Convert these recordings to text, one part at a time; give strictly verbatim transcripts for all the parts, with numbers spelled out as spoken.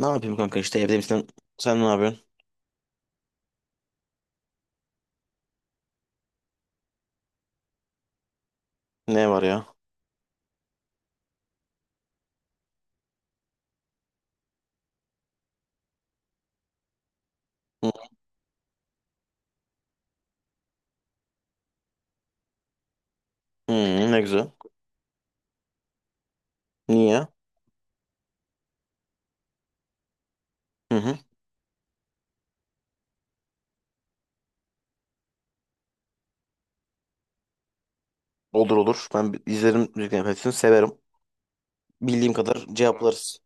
Ne yapayım kanka işte evde misin? Sen ne yapıyorsun? Ne var ya? Hı, hı, ne güzel. Niye? Hı hı. Olur olur. Ben bi- izlerim müzik hepsini severim. Bildiğim kadar tamam. Cevaplarız.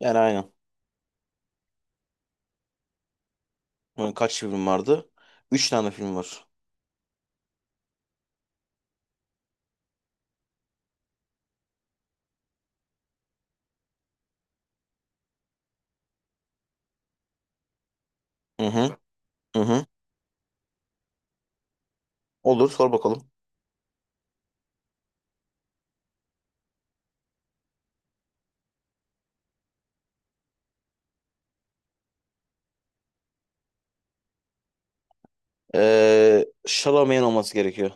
Yani aynen. Bunun kaç film vardı? Üç tane film var. Hı hı. Hı hı. Olur sor bakalım. Ee, Chalamet'in olması gerekiyor.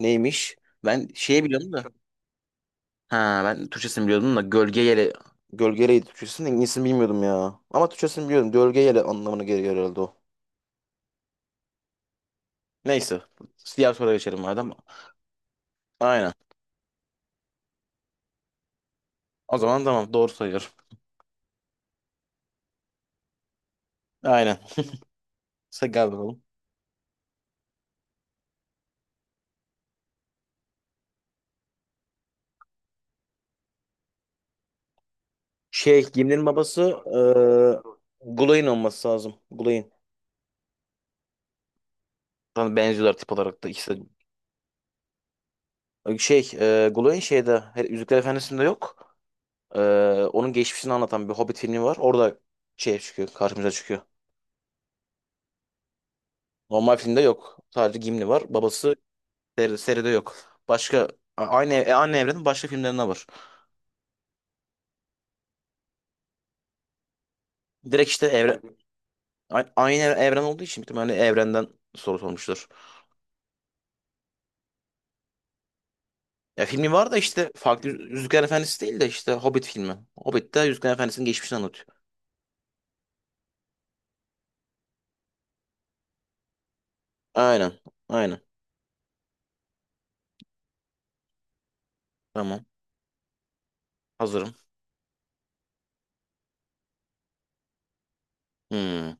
Neymiş? Ben şeyi biliyorum da. Ha ben Türkçesini biliyordum da Gölge Yele. Gölge Yele'ydi Türkçesini. İngilizcesini bilmiyordum ya. Ama Türkçesini biliyorum. Gölge Yele anlamına geliyor herhalde o. Neyse. Diğer soruya geçelim madem. Aynen. O zaman tamam doğru sayıyorum. Aynen. Sen gel bakalım. Şey Gimli'nin babası e, Gulay'ın olması lazım. Gulay'ın. Zaten benziyorlar tip olarak da ikisi. Şey e, Gulay'ın şeyde her- Yüzükler Efendisi'nde yok. E, Onun geçmişini anlatan bir Hobbit filmi var. Orada şey çıkıyor karşımıza çıkıyor. Normal filmde yok. Sadece Gimli var. Babası seri, seride yok. Başka a- aynı e, aynı evrenin başka filmlerinde var. Direkt işte evren, A- Aynı evren olduğu için bir tane evrenden soru sormuştur. Ya filmi var da işte farklı Yüz- Yüzüklerin Efendisi değil de işte Hobbit filmi. Hobbit'te Yüzüklerin Efendisi'nin geçmişini anlatıyor. Aynen. Aynen. Tamam. Hazırım. Hmm.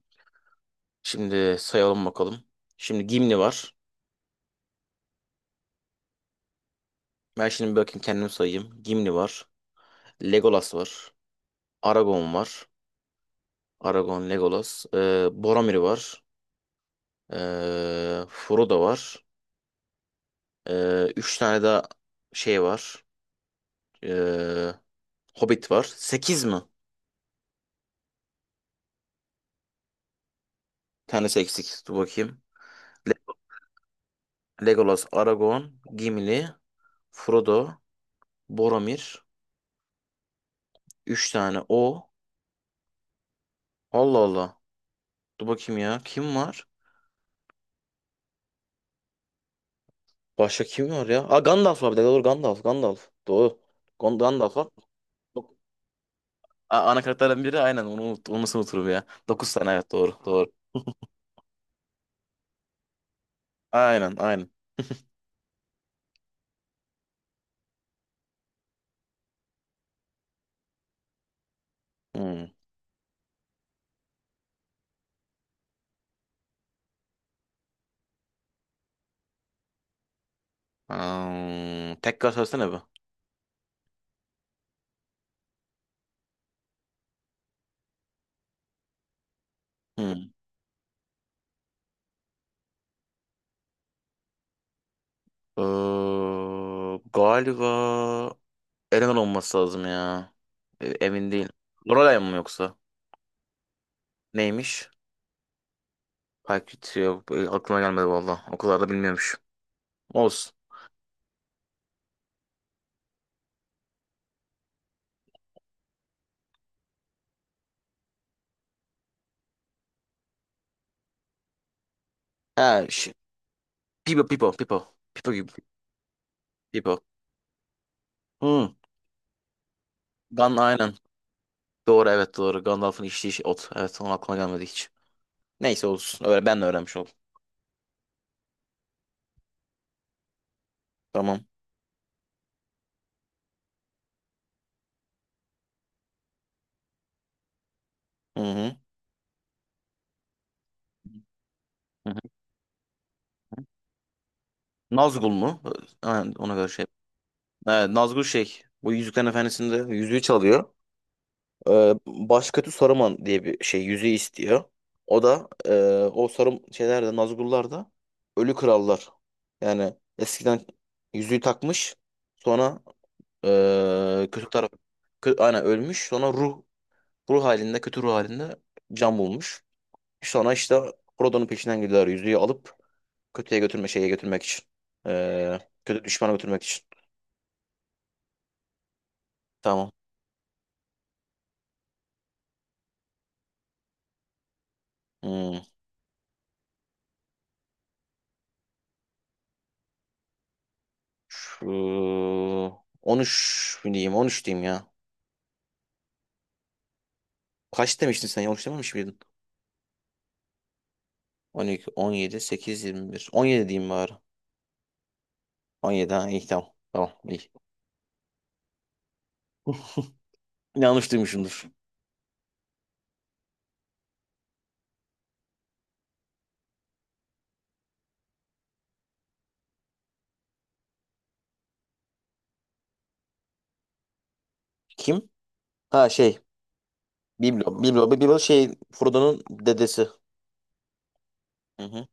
Şimdi sayalım bakalım. Şimdi Gimli var. Ben şimdi bir bakayım kendim sayayım. Gimli var. Legolas var. Aragorn var. Aragorn, Legolas. Ee, Boromir var. Ee, Frodo var. Ee, üç tane daha şey var. Ee, Hobbit var. Sekiz mi? Tanesi eksik. Dur bakayım. Le- Legolas, Aragorn, Gimli, Frodo, Boromir. Üç tane o. Allah Allah. Dur bakayım ya. Kim var? Başka kim var ya? Aa Gandalf var bir de. Doğru Gandalf. Gandalf. Doğru. Gon- Gandalf var. Dok- A- ana karakterden biri aynen. Onu unut onu nasıl unuturum ya. Dokuz tane evet doğru. Doğru. Aynen aynen. Hmm. Hmm. Tekrar söylesene bir. Hmm. Ee, galiba eleman olması lazım ya. E, Emin değilim. Lorelai mı yoksa? Neymiş? Payküt yok. e, Aklıma gelmedi valla. O kadar da bilmiyormuş. Olsun. He, şi- Pipo, Pipo, Pipo. Pipo gibi. Pipo. Hı. Gun aynen. Doğru evet doğru. Gandalf'ın içtiği şey ot. Evet onun aklıma gelmedi hiç. Neyse olsun. Öyle ben de öğrenmiş oldum. Tamam. Hı hı. Hı hı. Nazgul mu? Ha, ona göre şey. Evet, Nazgul şey. Bu Yüzüklerin Efendisi'nde yüzüğü çalıyor. Ee, Başkötü Saruman diye bir şey yüzüğü istiyor. O da e, o Sarum şeylerde Nazgullar da ölü krallar. Yani eskiden yüzüğü takmış sonra e, kötü taraf kö- aynen ölmüş sonra ruh ruh halinde kötü ruh halinde can bulmuş. Sonra işte Frodo'nun peşinden gidiyorlar yüzüğü alıp kötüye götürme şeye götürmek için. E, Kötü düşmana götürmek için. Tamam. Hmm. Şu on üç diyeyim on üç diyeyim ya. Kaç demiştin sen? Yanlış dememiş miydin? on iki, on yedi, sekiz, yirmi bir. on yedi diyeyim bari. on yedi ha iyi tamam. Tamam iyi. Yanlış duymuşumdur. Kim? Ha şey. Biblo. Biblo. Biblo şey Frodo'nun dedesi. Hı hı.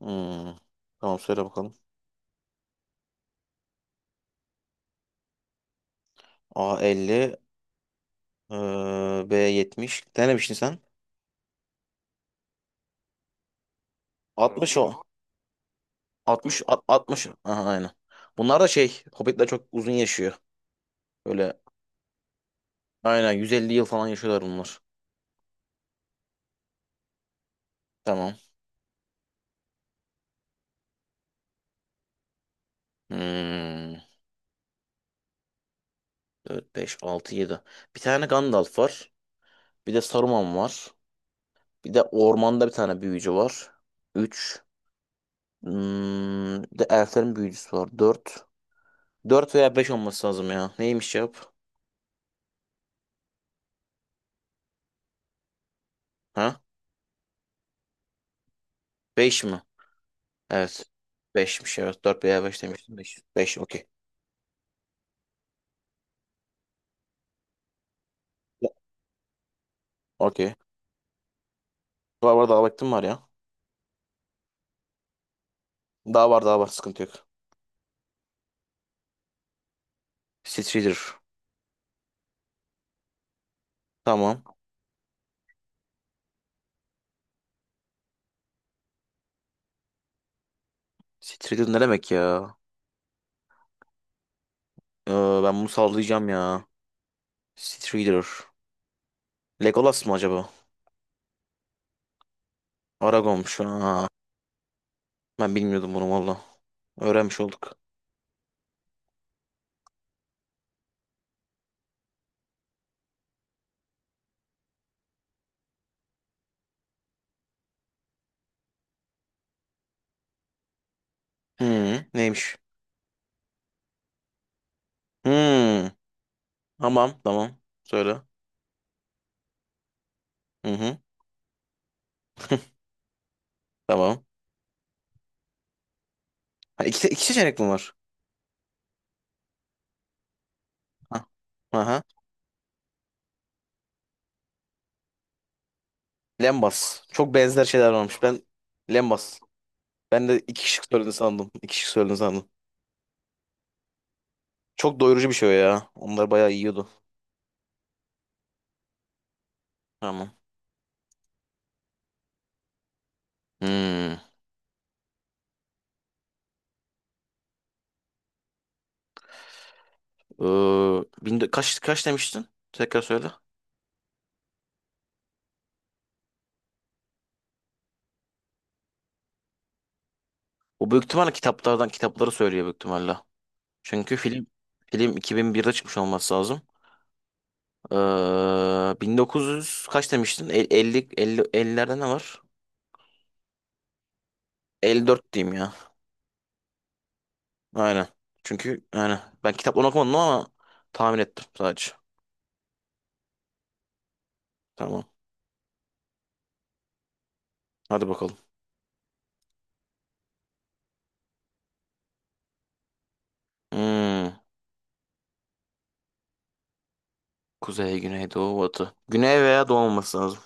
Hmm. Tamam söyle bakalım. A elli, eee, B yetmiş. Ne demiştin sen? altmış o. altmış alt- altmış. Aha aynen. Bunlar da şey Hobbitler çok uzun yaşıyor. Böyle aynen yüz elli yıl falan yaşıyorlar bunlar. Tamam. Hmm. Dört beş altı yedi. Bir tane Gandalf var. Bir de Saruman var. Bir de ormanda bir tane büyücü var. Üç. Hmm, bir de elflerin büyücüsü var. Dört. Dört veya beş olması lazım ya. Neymiş cevap? Ha? Beş mi? Evet. Beşmiş evet. Dört veya beş demiştim. Beş beş okey. Ya, okey. Var var daha vaktim var ya. Daha var daha var sıkıntı yok. Strider. Tamam. Strider ne demek ya? Ee, Ben bunu sallayacağım ya. Strider. Legolas mı acaba? Aragorn'muş. Aa, ben bilmiyordum bunu valla. Öğrenmiş olduk. Hı, neymiş? Hı, tamam tamam. Söyle. Hı hı. Tamam. Ha, iki, iki seçenek mi var? Ha. Aha. Lembas. Çok benzer şeyler varmış. Ben Lembas. Ben de iki şık söylediğini sandım. İki şık söylediğini sandım. Çok doyurucu bir şey o ya. Onlar bayağı yiyordu. Tamam. Hmm. Ee, bin- dö- kaç, kaç demiştin? Tekrar söyle. O büyük ihtimalle kitaplardan kitapları söylüyor büyük ihtimalle. Çünkü film film iki bin birde çıkmış olması lazım. Ee, bin dokuz yüz kaç demiştin? E- elli elli ellilerde ne var? elli dört diyeyim ya. Aynen. Çünkü yani ben kitaplarını okumadım ama tahmin ettim sadece. Tamam. Hadi bakalım. Hmm. Kuzey, güney, doğu, batı. Güney veya doğu olması lazım.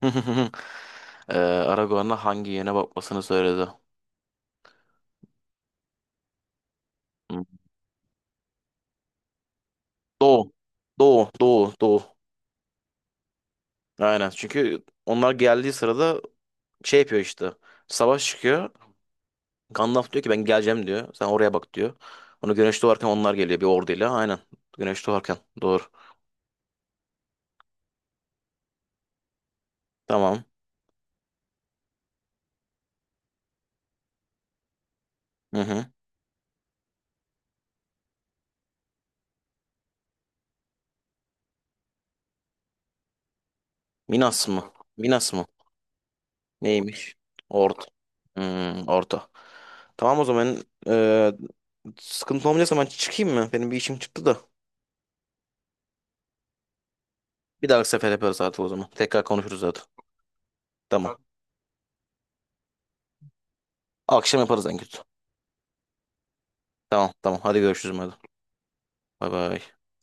ee, Aragorn'a hangi yöne bakmasını söyledi? Hmm. Doğu. Doğu, doğu, doğu. Aynen. Çünkü onlar geldiği sırada şey yapıyor işte. Savaş çıkıyor. Gandalf diyor ki ben geleceğim diyor. Sen oraya bak diyor. Onu güneş doğarken onlar geliyor bir orduyla. Aynen. Güneş doğarken. Doğru. Tamam. Hı hı. Minas mı? Minas mı? Neymiş? Orta. Hmm, orta. Tamam o zaman eee, sıkıntı olmayacaksa ben çıkayım mı? Benim bir işim çıktı da. Bir dahaki sefer yaparız zaten o zaman. Tekrar konuşuruz zaten. Tamam. Akşam yaparız en kötü. Tamam tamam. Hadi görüşürüz madem. Bay bay.